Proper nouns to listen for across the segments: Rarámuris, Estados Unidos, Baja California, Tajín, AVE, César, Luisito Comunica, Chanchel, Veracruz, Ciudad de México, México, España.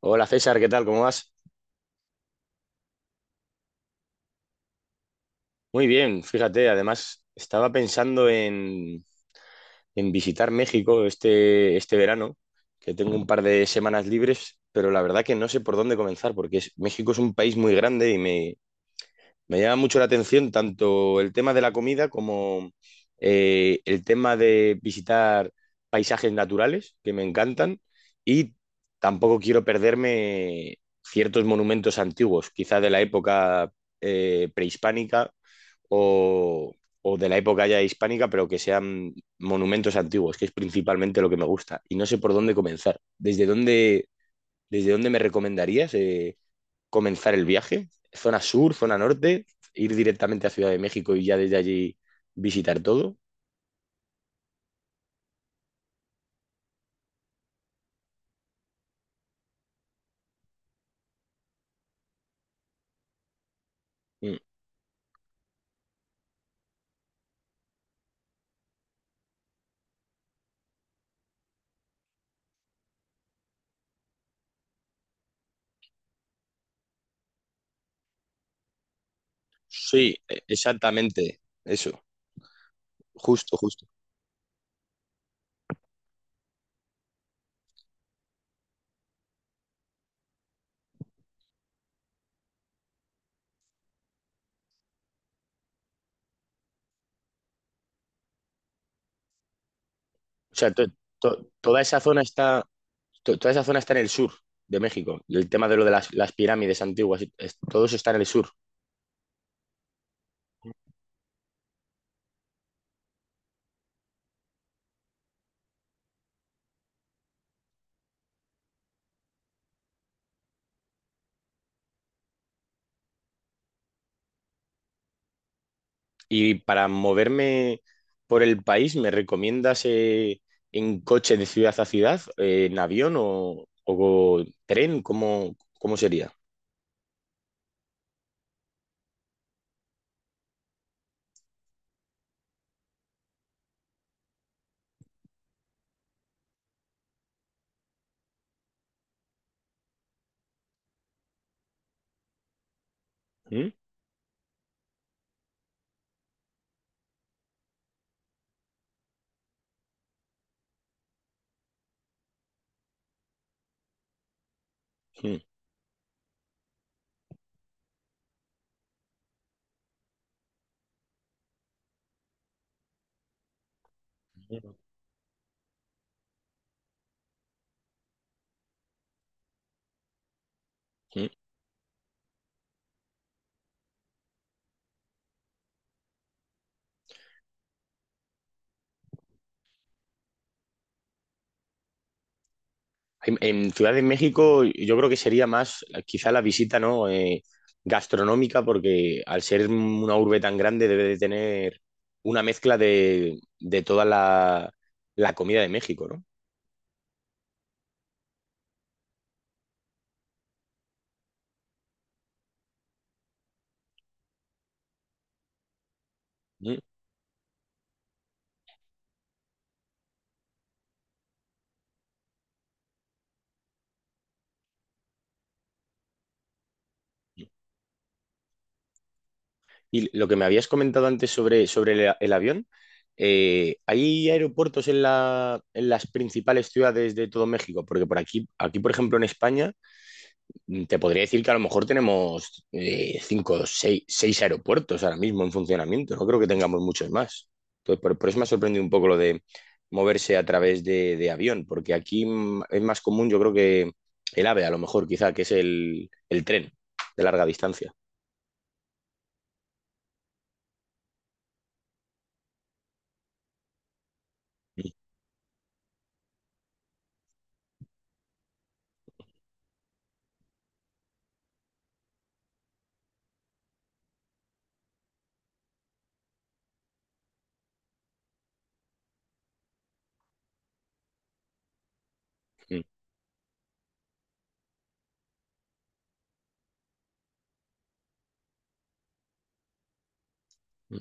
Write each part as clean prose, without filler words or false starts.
Hola César, ¿qué tal? ¿Cómo vas? Muy bien, fíjate, además estaba pensando en visitar México este verano, que tengo un par de semanas libres, pero la verdad que no sé por dónde comenzar, porque México es un país muy grande y me llama mucho la atención tanto el tema de la comida como el tema de visitar paisajes naturales, que me encantan, y tampoco quiero perderme ciertos monumentos antiguos, quizá de la época prehispánica o, o de la época ya hispánica, pero que sean monumentos antiguos, que es principalmente lo que me gusta. Y no sé por dónde comenzar. Desde dónde me recomendarías comenzar el viaje? ¿Zona sur, zona norte? ¿Ir directamente a Ciudad de México y ya desde allí visitar todo? Mm. Sí, exactamente. Eso, justo, justo. O sea, toda esa toda esa zona está en el sur de México. El tema de lo de las pirámides antiguas, todo eso está en el sur. Y para moverme por el país, ¿me recomiendas en coche de ciudad a ciudad, en avión o tren? Cómo sería? ¿Mm? ¿Mm? ¿Mm? En Ciudad de México yo creo que sería más quizá la visita, ¿no? Gastronómica, porque al ser una urbe tan grande debe de tener una mezcla de toda la comida de México, ¿no? ¿Mm? Y lo que me habías comentado antes sobre el avión, ¿hay aeropuertos en en las principales ciudades de todo México? Porque por aquí, por ejemplo, en España, te podría decir que a lo mejor tenemos cinco, o seis aeropuertos ahora mismo en funcionamiento. No creo que tengamos muchos más. Entonces, por eso me ha sorprendido un poco lo de moverse a través de avión, porque aquí es más común, yo creo que el AVE, a lo mejor, quizá, que es el tren de larga distancia. Mm, mm,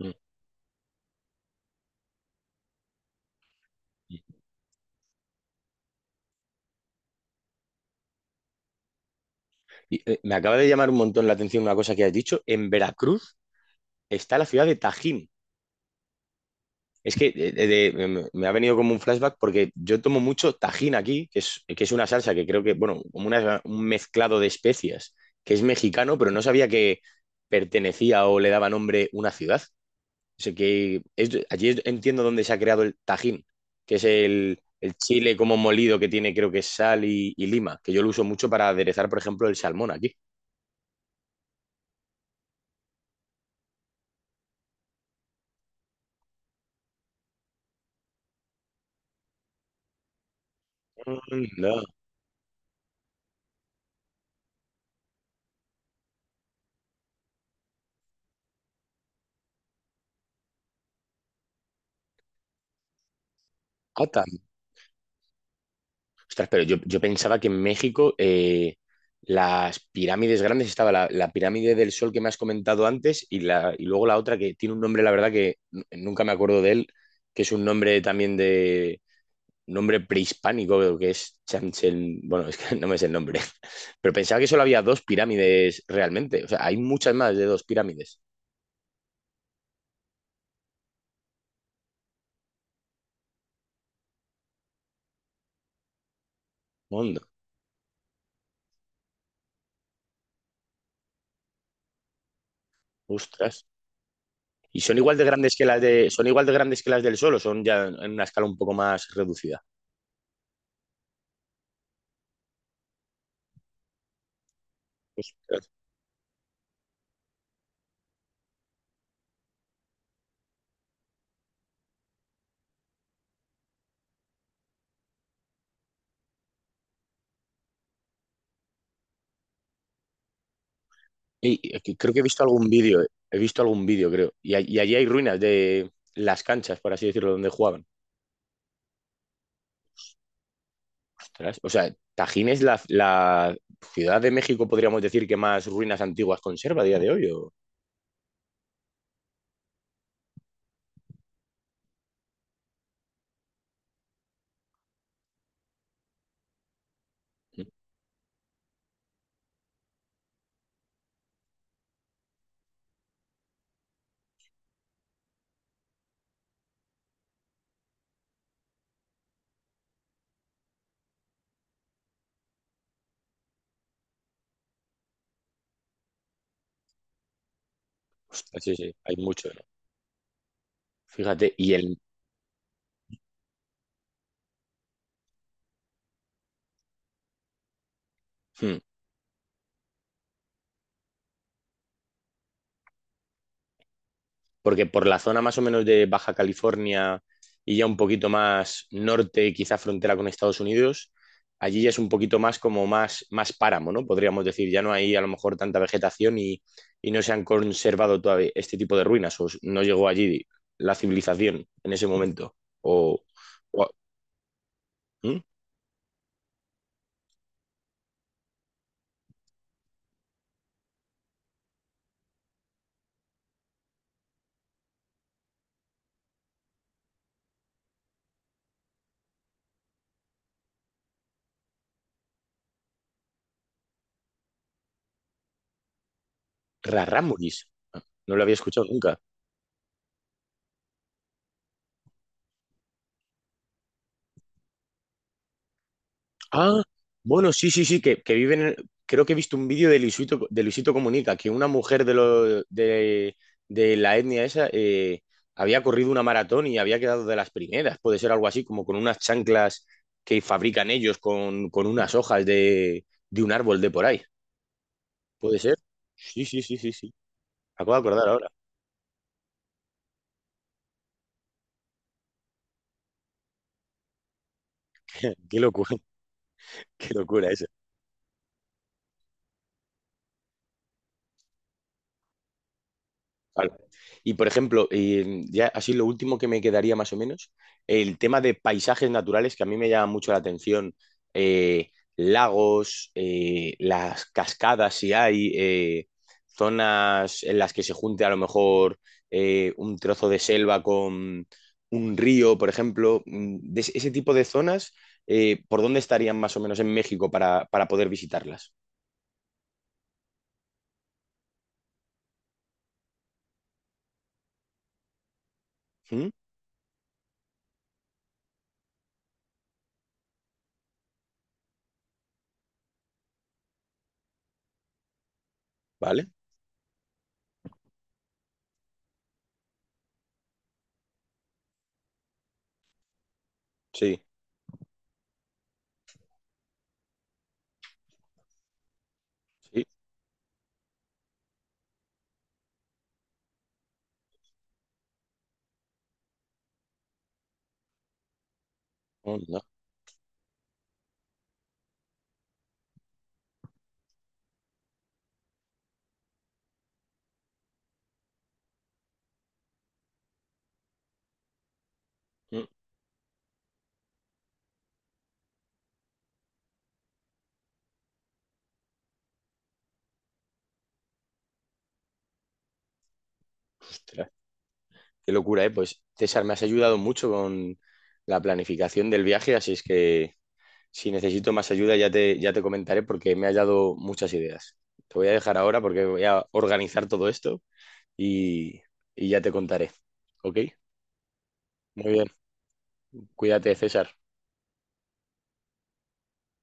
mm. Mm. Y, me acaba de llamar un montón la atención una cosa que has dicho. En Veracruz está la ciudad de Tajín. Es que me ha venido como un flashback porque yo tomo mucho Tajín aquí, que que es una salsa que creo que, bueno, como un mezclado de especias, que es mexicano, pero no sabía que pertenecía o le daba nombre una ciudad. O sea que entiendo dónde se ha creado el Tajín, que es el chile como molido que tiene, creo que es sal y lima, que yo lo uso mucho para aderezar, por ejemplo, el salmón aquí. Anda. Ah. Ostras, pero yo pensaba que en México las pirámides grandes estaba la pirámide del Sol que me has comentado antes y luego la otra que tiene un nombre, la verdad que nunca me acuerdo de él, que es un nombre también de un nombre prehispánico, que es Chanchel, bueno, es que no me sé el nombre, pero pensaba que solo había dos pirámides realmente, o sea, hay muchas más de dos pirámides. Mundo, ostras. ¿Y son igual de grandes que las de, son igual de grandes que las del Sol o son ya en una escala un poco más reducida? Ostras. Ey, que creo que he visto algún vídeo, he visto algún vídeo, creo. Y, y allí hay ruinas de las canchas, por así decirlo, donde jugaban. Ostras, o sea, Tajín es la ciudad de México, podríamos decir, que más ruinas antiguas conserva a día de hoy. ¿O? Mm. Ostras, sí, sí, hay mucho, ¿no? Fíjate, y el... Hmm. Porque por la zona más o menos de Baja California y ya un poquito más norte, quizá frontera con Estados Unidos, allí ya es un poquito más como más páramo, ¿no? Podríamos decir, ya no hay a lo mejor tanta vegetación y no se han conservado todavía este tipo de ruinas, o no llegó allí la civilización en ese momento, o... O ¿hmm? Rarámuris, no lo había escuchado nunca. Ah, bueno, sí, sí, sí, que viven en- Creo que he visto un vídeo de Luisito Comunica, que una mujer de la etnia esa había corrido una maratón y había quedado de las primeras. Puede ser algo así, como con unas chanclas que fabrican ellos con unas hojas de un árbol de por ahí. ¿Puede ser? Sí, sí, sí, sí, sí. Acabo de acordar ahora. Qué locura, qué locura eso. Vale. Y por ejemplo, ya así lo último que me quedaría más o menos, el tema de paisajes naturales que a mí me llama mucho la atención, lagos, las cascadas si hay, zonas en las que se junte a lo mejor un trozo de selva con un río, por ejemplo, de ese tipo de zonas, ¿por dónde estarían más o menos en México para poder visitarlas? ¿Mm? ¿Vale? Sí, sí. Onda. Mm. Ostras. Qué locura, ¿eh? Pues César, me has ayudado mucho con la planificación del viaje, así es que si necesito más ayuda ya ya te comentaré porque me has dado muchas ideas. Te voy a dejar ahora porque voy a organizar todo esto y, y ya te contaré. ¿Ok? Muy bien. Cuídate, César.